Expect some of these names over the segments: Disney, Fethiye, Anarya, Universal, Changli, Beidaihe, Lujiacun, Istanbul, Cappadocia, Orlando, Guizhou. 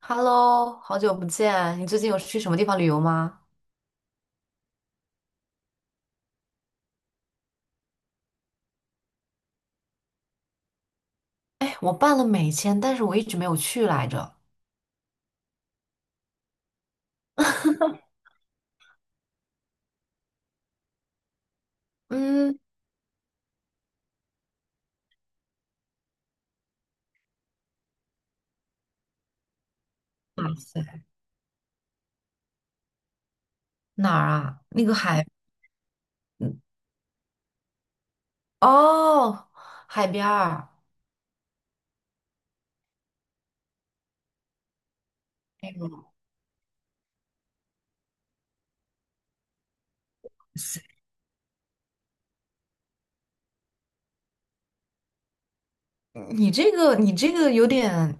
Hello，好久不见，你最近有去什么地方旅游吗？哎，我办了美签，但是我一直没有去来着。嗯，哇塞，哪儿啊？那个海，嗯，哦，海边儿。哎呦哇塞，嗯，你这个有点，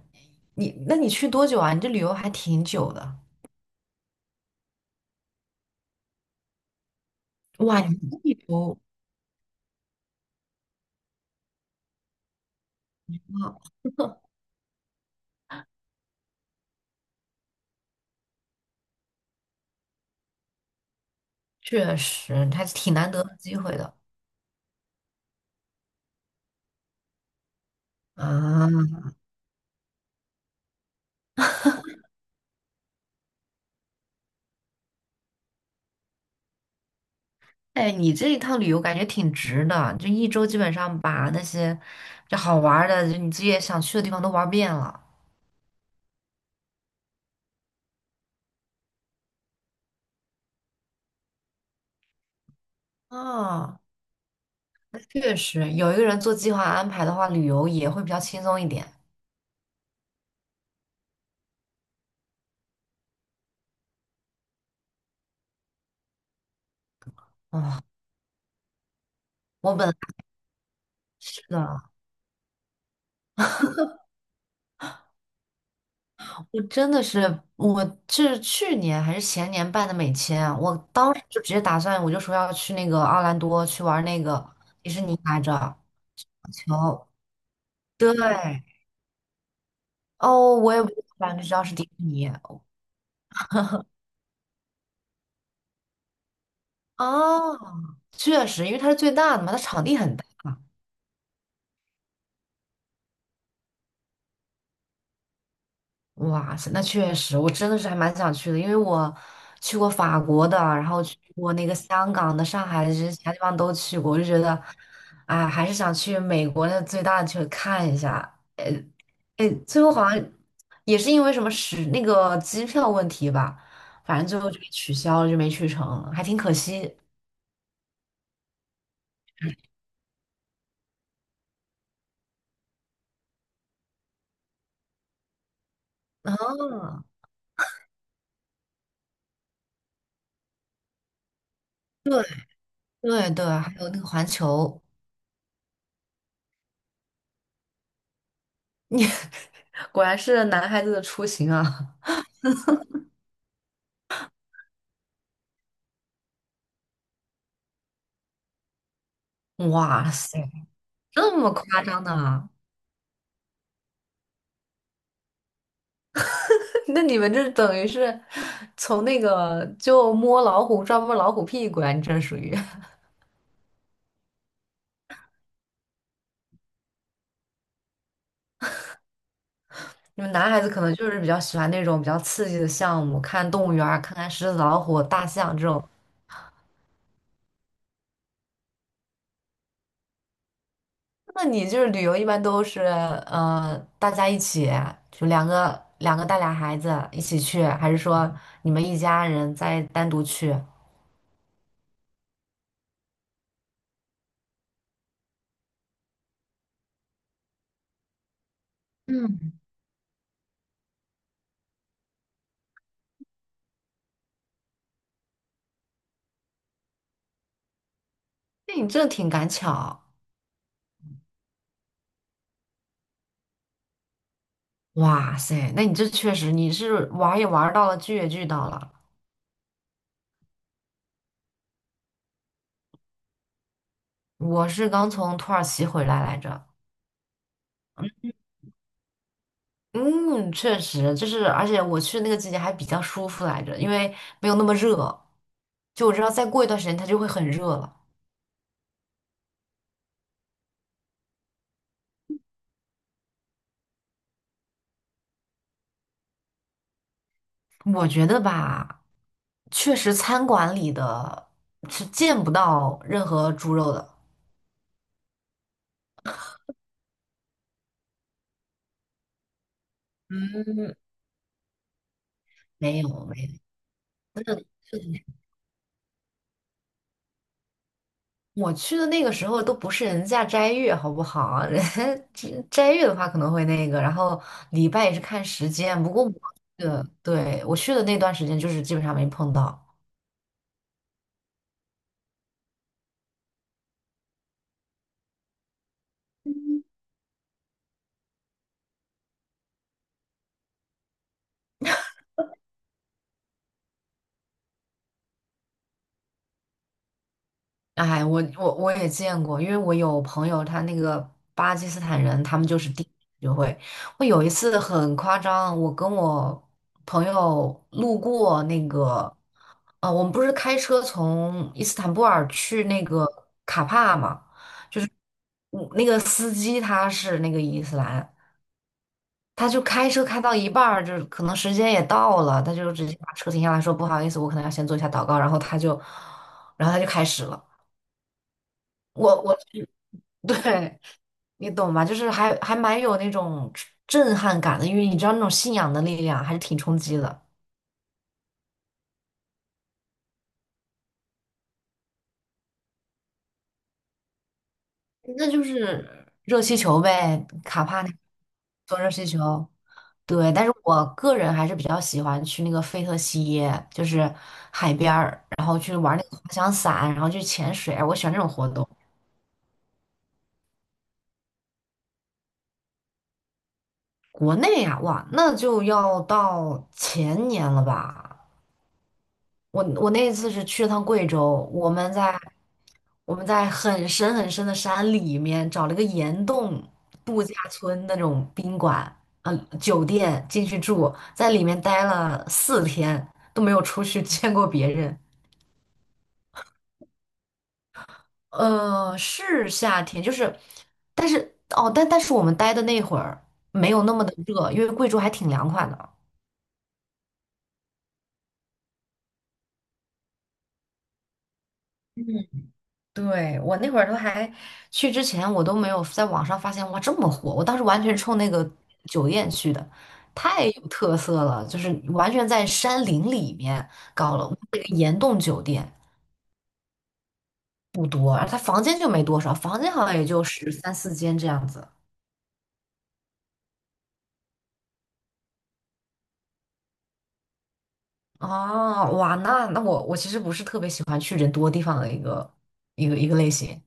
那你去多久啊？你这旅游还挺久的。哇，你 这旅游，哇，确实还是挺难得的机会的啊。哎，你这一趟旅游感觉挺值的，就一周基本上把那些就好玩儿的，就你自己也想去的地方都玩遍了。啊，确实，有一个人做计划安排的话，旅游也会比较轻松一点。哦，我本来是的，我是去年还是前年办的美签啊，我当时就直接打算，我就说要去那个奥兰多去玩那个迪士尼来着，球，对，哦，我也不是知道是迪士尼。哦，确实，因为它是最大的嘛，它场地很大。哇塞，那确实，我真的是还蛮想去的，因为我去过法国的，然后去过那个香港的、上海的，这些其他地方都去过，我就觉得，哎，还是想去美国那最大的去看一下。哎哎，最后好像也是因为什么使那个机票问题吧，反正最后就给取消了，就没去成，还挺可惜。嗯，对对，还有那个环球。你 果然是男孩子的出行啊！哇塞，这么夸张的啊？那你们这等于是从那个就摸老虎屁股啊！你这属于 你们男孩子可能就是比较喜欢那种比较刺激的项目，看动物园儿，看看狮子、老虎、大象这种。那你就是旅游一般都是大家一起，就两个两个带俩孩子一起去，还是说你们一家人再单独去？那你这挺赶巧。哇塞，那你这确实你是玩儿也玩儿到了，剧也剧到了。我是刚从土耳其回来来着，嗯，确实就是，而且我去那个季节还比较舒服来着，因为没有那么热。就我知道再过一段时间它就会很热了。我觉得吧，确实餐馆里的是见不到任何猪肉的，嗯，没有没有。我去的那个时候都不是人家斋月，好不好？人家斋月的话可能会那个，然后礼拜也是看时间。不过我去的，对，我去的那段时间就是基本上没碰到。哎，我也见过，因为我有朋友，他那个巴基斯坦人，他们就是第一次学会。我有一次很夸张，我跟我朋友路过那个，我们不是开车从伊斯坦布尔去那个卡帕嘛，就是我那个司机他是那个伊斯兰，他就开车开到一半儿，就是可能时间也到了，他就直接把车停下来说不好意思，我可能要先做一下祷告，然后他就，开始了。我我对，你懂吧？就是还蛮有那种震撼感的，因为你知道那种信仰的力量还是挺冲击的。那就是热气球呗，卡帕那坐热气球。对，但是我个人还是比较喜欢去那个费特西耶，就是海边儿，然后去玩那个滑翔伞，然后去潜水，我喜欢这种活动。国内呀、哇，那就要到前年了吧？我那一次是去了趟贵州，我们在很深很深的山里面找了个岩洞度假村那种宾馆，酒店进去住，在里面待了四天，都没有出去 见过别人。是夏天，就是，但是我们待的那会儿没有那么的热，因为贵州还挺凉快的。对，我那会儿都还去之前，我都没有在网上发现哇这么火。我当时完全冲那个酒店去的，太有特色了，就是完全在山林里面搞了那个岩洞酒店，不多，而它房间就没多少，房间好像也就十三四间这样子。哦，哇，那我其实不是特别喜欢去人多地方的一个类型。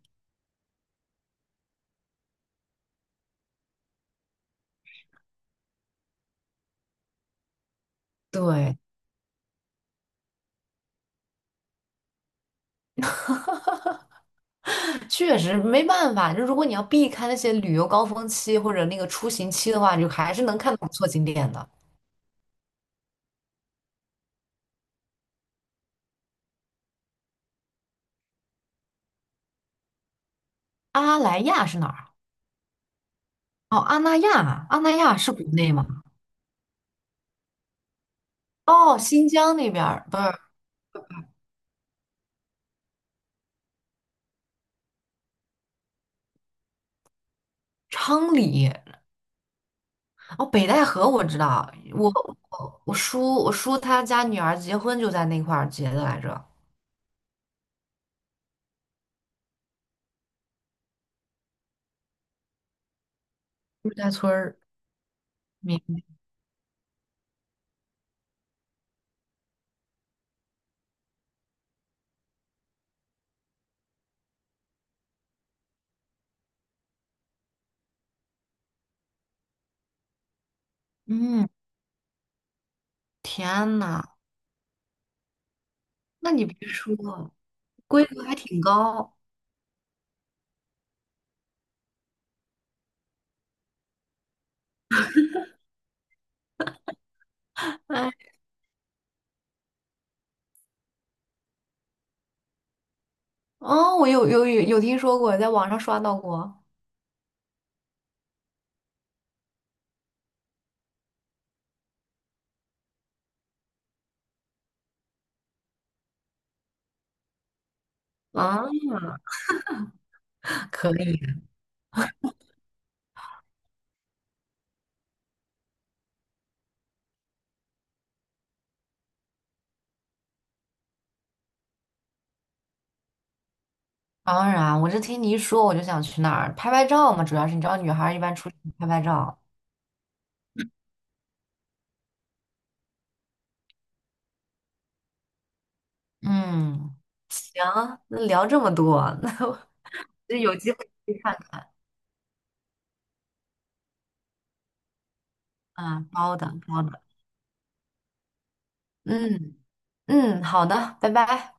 对，确实没办法，就如果你要避开那些旅游高峰期或者那个出行期的话，你就还是能看到不错景点的。阿莱亚是哪儿啊？哦，阿那亚，阿那亚是国内吗？哦，新疆那边儿不是昌黎，哦，北戴河我知道，我叔他家女儿结婚就在那块儿结的来着，陆家村儿。明嗯，天呐，那你别说，规格还挺高。哎，哦，我有听说过，在网上刷到过。啊，可以，当然，我这听你一说，我就想去那儿拍拍照嘛。主要是你知道，女孩儿一般出去拍拍照。嗯，行，那聊这么多，那我就有机会去看看。啊，包的，包的。嗯嗯，好的，拜拜。